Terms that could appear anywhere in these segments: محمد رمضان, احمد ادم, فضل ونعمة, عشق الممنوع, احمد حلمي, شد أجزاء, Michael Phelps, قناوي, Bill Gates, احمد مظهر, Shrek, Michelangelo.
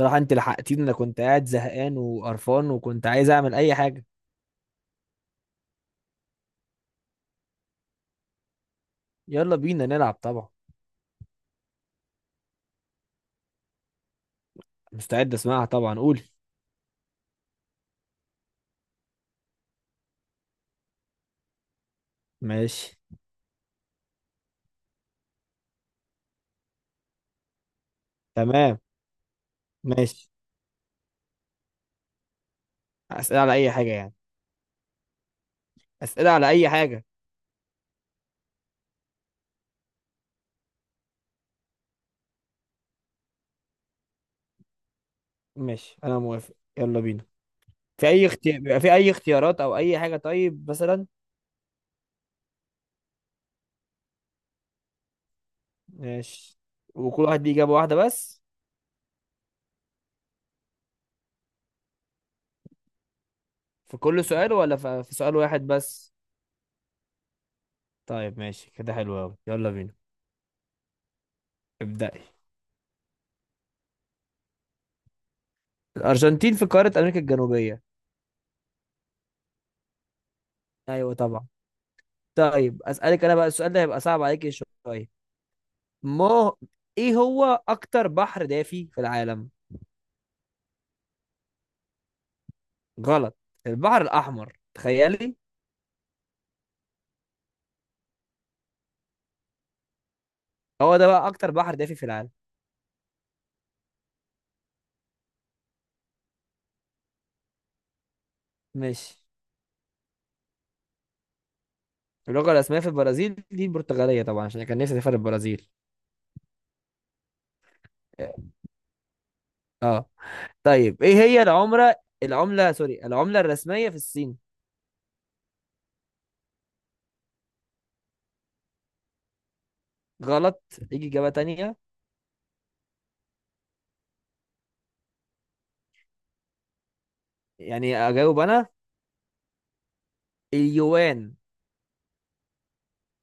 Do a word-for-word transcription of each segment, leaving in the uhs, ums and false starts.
صراحة انت لحقتيني. انا كنت قاعد زهقان وقرفان وكنت عايز اعمل اي حاجة. يلا بينا نلعب طبعا. مستعد اسمعها طبعا، قولي. ماشي. تمام. ماشي. اسئلة على اي حاجة يعني؟ اسئلة على اي حاجة. ماشي، انا موافق، يلا بينا. في اي اختيار بيبقى في اي اختيارات او اي حاجة؟ طيب مثلا. ماشي. وكل واحد ليه اجابة واحدة بس؟ في كل سؤال ولا في في سؤال واحد بس؟ طيب ماشي كده، حلو قوي، يلا بينا. ابدأي. الارجنتين في قارة امريكا الجنوبية. ايوه طبعا. طيب اسالك انا بقى. السؤال ده هيبقى صعب عليك شويه. ما ايه هو اكتر بحر دافي في العالم؟ غلط. البحر الاحمر، تخيلي. هو ده بقى اكتر بحر دافي في العالم. ماشي. اللغه الرسميه في البرازيل دي البرتغاليه طبعا، عشان كان نفسي اسافر البرازيل. اه. طيب ايه هي العمره العمله سوري العمله الرسميه في الصين؟ غلط. يجي اجابه تانية؟ يعني اجاوب انا؟ اليوان.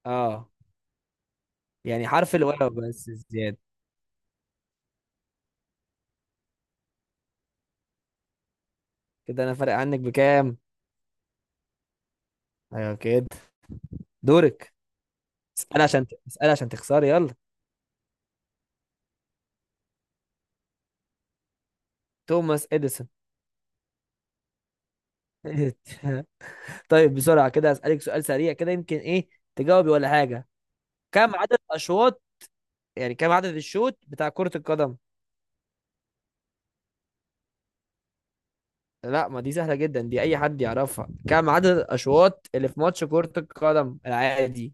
اه. يعني حرف الواو بس زياده. كده انا فارق عنك بكام؟ ايوه كده. دورك. اسأل عشان اسأل عشان تخسري، يلا. توماس اديسون. طيب بسرعة كده اسألك سؤال سريع، كده يمكن ايه تجاوبي ولا حاجة. كم عدد اشواط يعني كم عدد الشوط بتاع كرة القدم؟ لا، ما دي سهلة جدا، دي اي حد يعرفها. كم عدد الاشواط اللي في ماتش كرة القدم العادي؟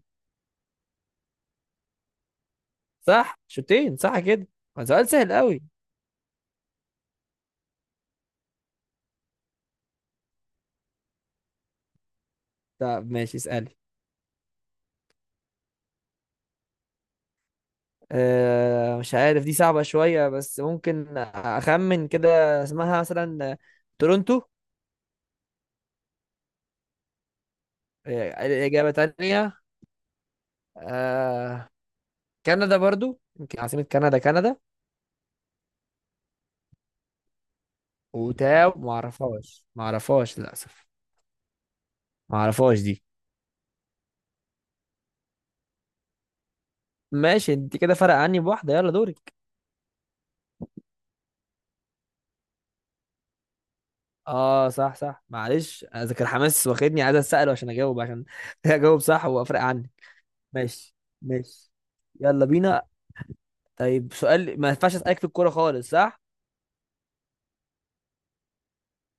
صح، شوطين، صح كده. ما سؤال سهل قوي. طب ماشي، اسألي. أه مش عارف، دي صعبة شوية، بس ممكن أخمن كده. اسمها مثلا تورونتو. آه، الإجابة تانية. آه. كندا برضو، يمكن عاصمة كندا كندا. وتاو، معرفهاش معرفهاش للأسف. معرفهاش دي. ماشي، انت كده فرق عني بواحدة، يلا دورك. اه صح صح، معلش، ذاكر حماس واخدني، عايز اسأله عشان اجاوب عشان اجاوب صح وافرق عني. ماشي. ماشي. يلا بينا. طيب سؤال، ما ينفعش اسألك في الكورة خالص، صح؟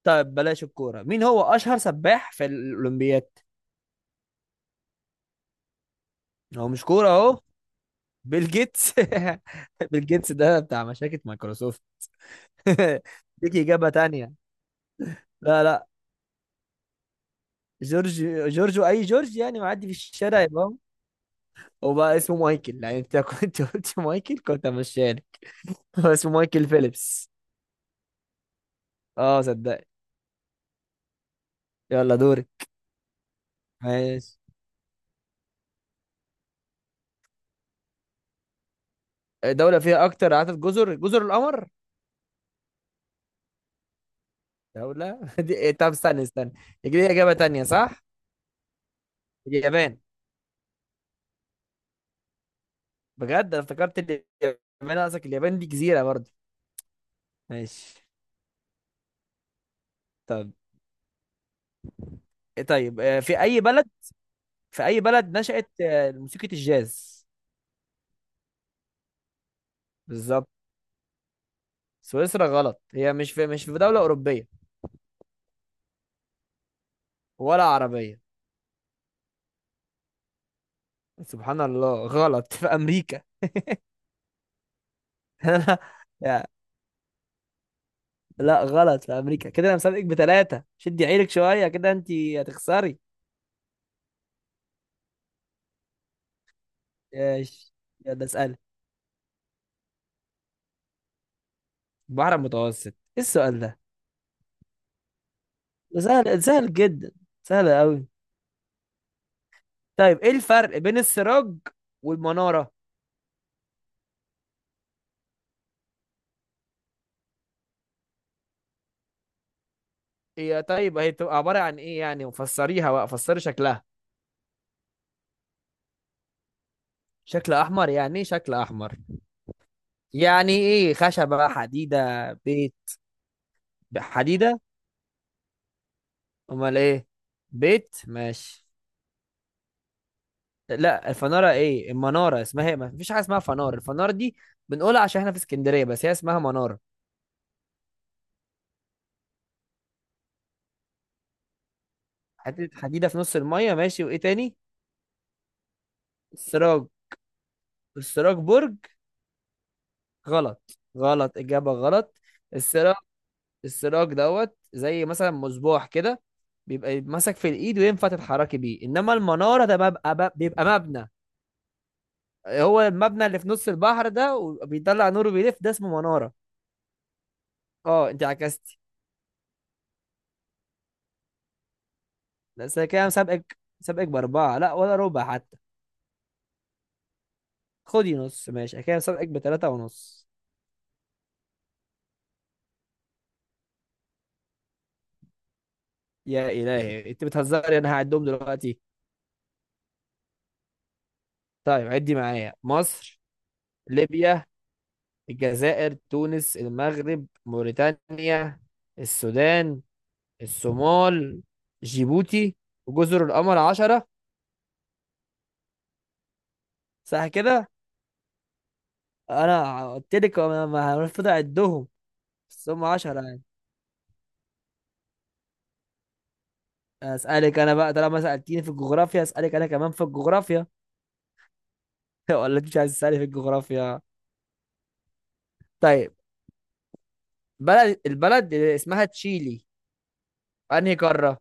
طيب بلاش الكورة. مين هو أشهر سباح في الأولمبياد؟ هو مش كورة أهو. بيل جيتس. بيل جيتس ده بتاع مشاكل مايكروسوفت. ديك إجابة تانية؟ لا لا. جورج؟ جورج؟ أي جورج؟ يعني معدي في الشارع يبقى هو؟ هو بقى اسمه مايكل، يعني أنت كنت قلت مايكل كنت مشاني. هو اسمه مايكل فيليبس. أه، صدق. يلا دوري. ماشي. دولة فيها أكتر عدد جزر جزر القمر. دولة؟ دي طب استنى استنى، يجي لي إجابة تانية، صح؟ اليابان. بجد، أنا افتكرت اليابان، قصدك اليابان دي جزيرة برضه. ماشي. طب. طيب آه، في اي بلد في اي بلد نشأت آه، موسيقى الجاز؟ بالظبط. سويسرا غلط، هي مش في مش في دولة أوروبية. ولا عربية. سبحان الله، غلط، في أمريكا. لا لا، غلط، في أمريكا. كده أنا مسابقك بتلاتة، شدي عيلك شوية كده، أنت هتخسري. ايش. يلا اسألي. البحر المتوسط. إيه السؤال ده؟ ده سهل، سهل جدا، سهل أوي. طيب إيه الفرق بين السراج والمنارة؟ هي طيب، هي بتبقى عبارة عن إيه يعني، وفسريها بقى، فسري شكلها. شكله احمر؟ يعني ايه شكله احمر؟ يعني ايه، خشبة، حديدة، بيت؟ حديدة. امال ايه؟ بيت ماشي. لا الفنارة، ايه المنارة، اسمها ايه، ما فيش حاجة اسمها فنار، الفنار دي بنقولها عشان احنا في اسكندرية، بس هي اسمها منارة. حتة حديدة في نص المية، ماشي، وايه تاني؟ السراج؟ السراج برج؟ غلط غلط، اجابة غلط. السراج. السراج دوت، زي مثلا مصباح كده، بيبقى ماسك في الايد وينفع تتحركي بيه. انما المنارة ده بيبقى بيبقى مبنى. هو المبنى اللي في نص البحر ده وبيطلع نور وبيلف، ده اسمه منارة. اه انت عكستي. بس أنا كده مسابقك، مسابقك بأربعة، لا ولا ربع حتى. خدي نص، ماشي، أنا كده مسابقك بتلاتة ونص. يا إلهي، انت بتهزري، انا هعدهم دلوقتي. طيب عدي معايا. مصر، ليبيا، الجزائر، تونس، المغرب، موريتانيا، السودان، الصومال، جيبوتي، وجزر القمر. عشرة، صح كده؟ انا قلت لك ما ما هنفضل عدهم. بس هم عشرة. اسالك انا بقى، طالما سالتيني في الجغرافيا اسالك انا كمان في الجغرافيا. ولا انت مش عايز تسالي في الجغرافيا؟ طيب بلد البلد اللي اسمها تشيلي، انهي قاره؟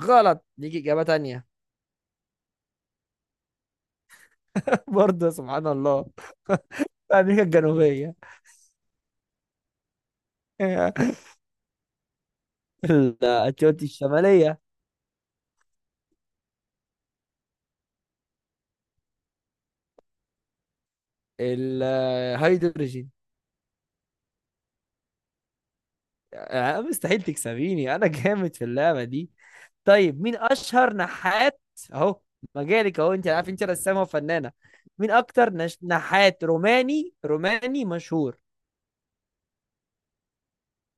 غلط، ليك اجابه تانية. برضه، سبحان الله. امريكا الجنوبيه. اثيوبيا الشماليه. الهيدروجين. آه، مستحيل تكسبيني، انا جامد في اللعبه دي. طيب مين اشهر نحات؟ اهو، مجالك اهو، انت عارف انت رسامه وفنانه. مين اكتر نش... نحات روماني، روماني مشهور.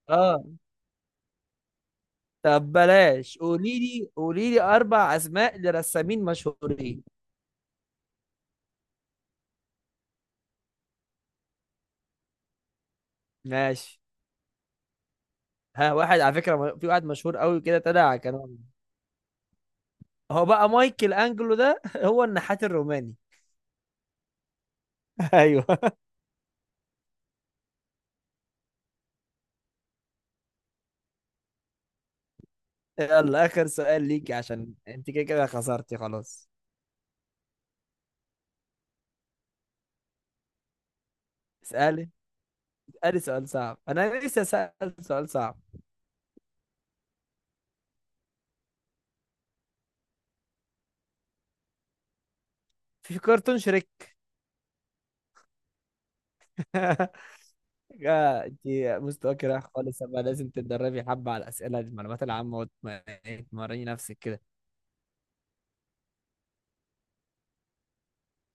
اه. طب بلاش، قولي لي قولي لي اربع اسماء لرسامين مشهورين. ماشي. ها، واحد على فكره، م- في واحد مشهور قوي كده طلع كان. هو بقى مايكل انجلو ده، هو النحات الروماني. ايوه. يلا اخر سؤال ليكي، عشان انت كده كده خسرتي خلاص. اسالي. اسالي سؤال صعب، انا لسه سأل سؤال صعب. في كرتون شريك. يا انت، مستواك رايح خالص، اما لازم تتدربي حبة على الأسئلة دي، المعلومات العامة، وتم- وتمرني نفسك كده.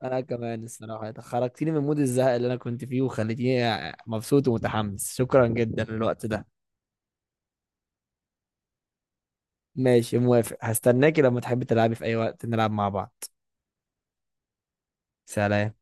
انا كمان الصراحة خرجتيني من مود الزهق اللي انا كنت فيه، وخليتيني مبسوط ومتحمس. شكرا جدا للوقت ده. ماشي، موافق، هستناكي لما تحبي تلعبي، في اي وقت نلعب مع بعض. سلام.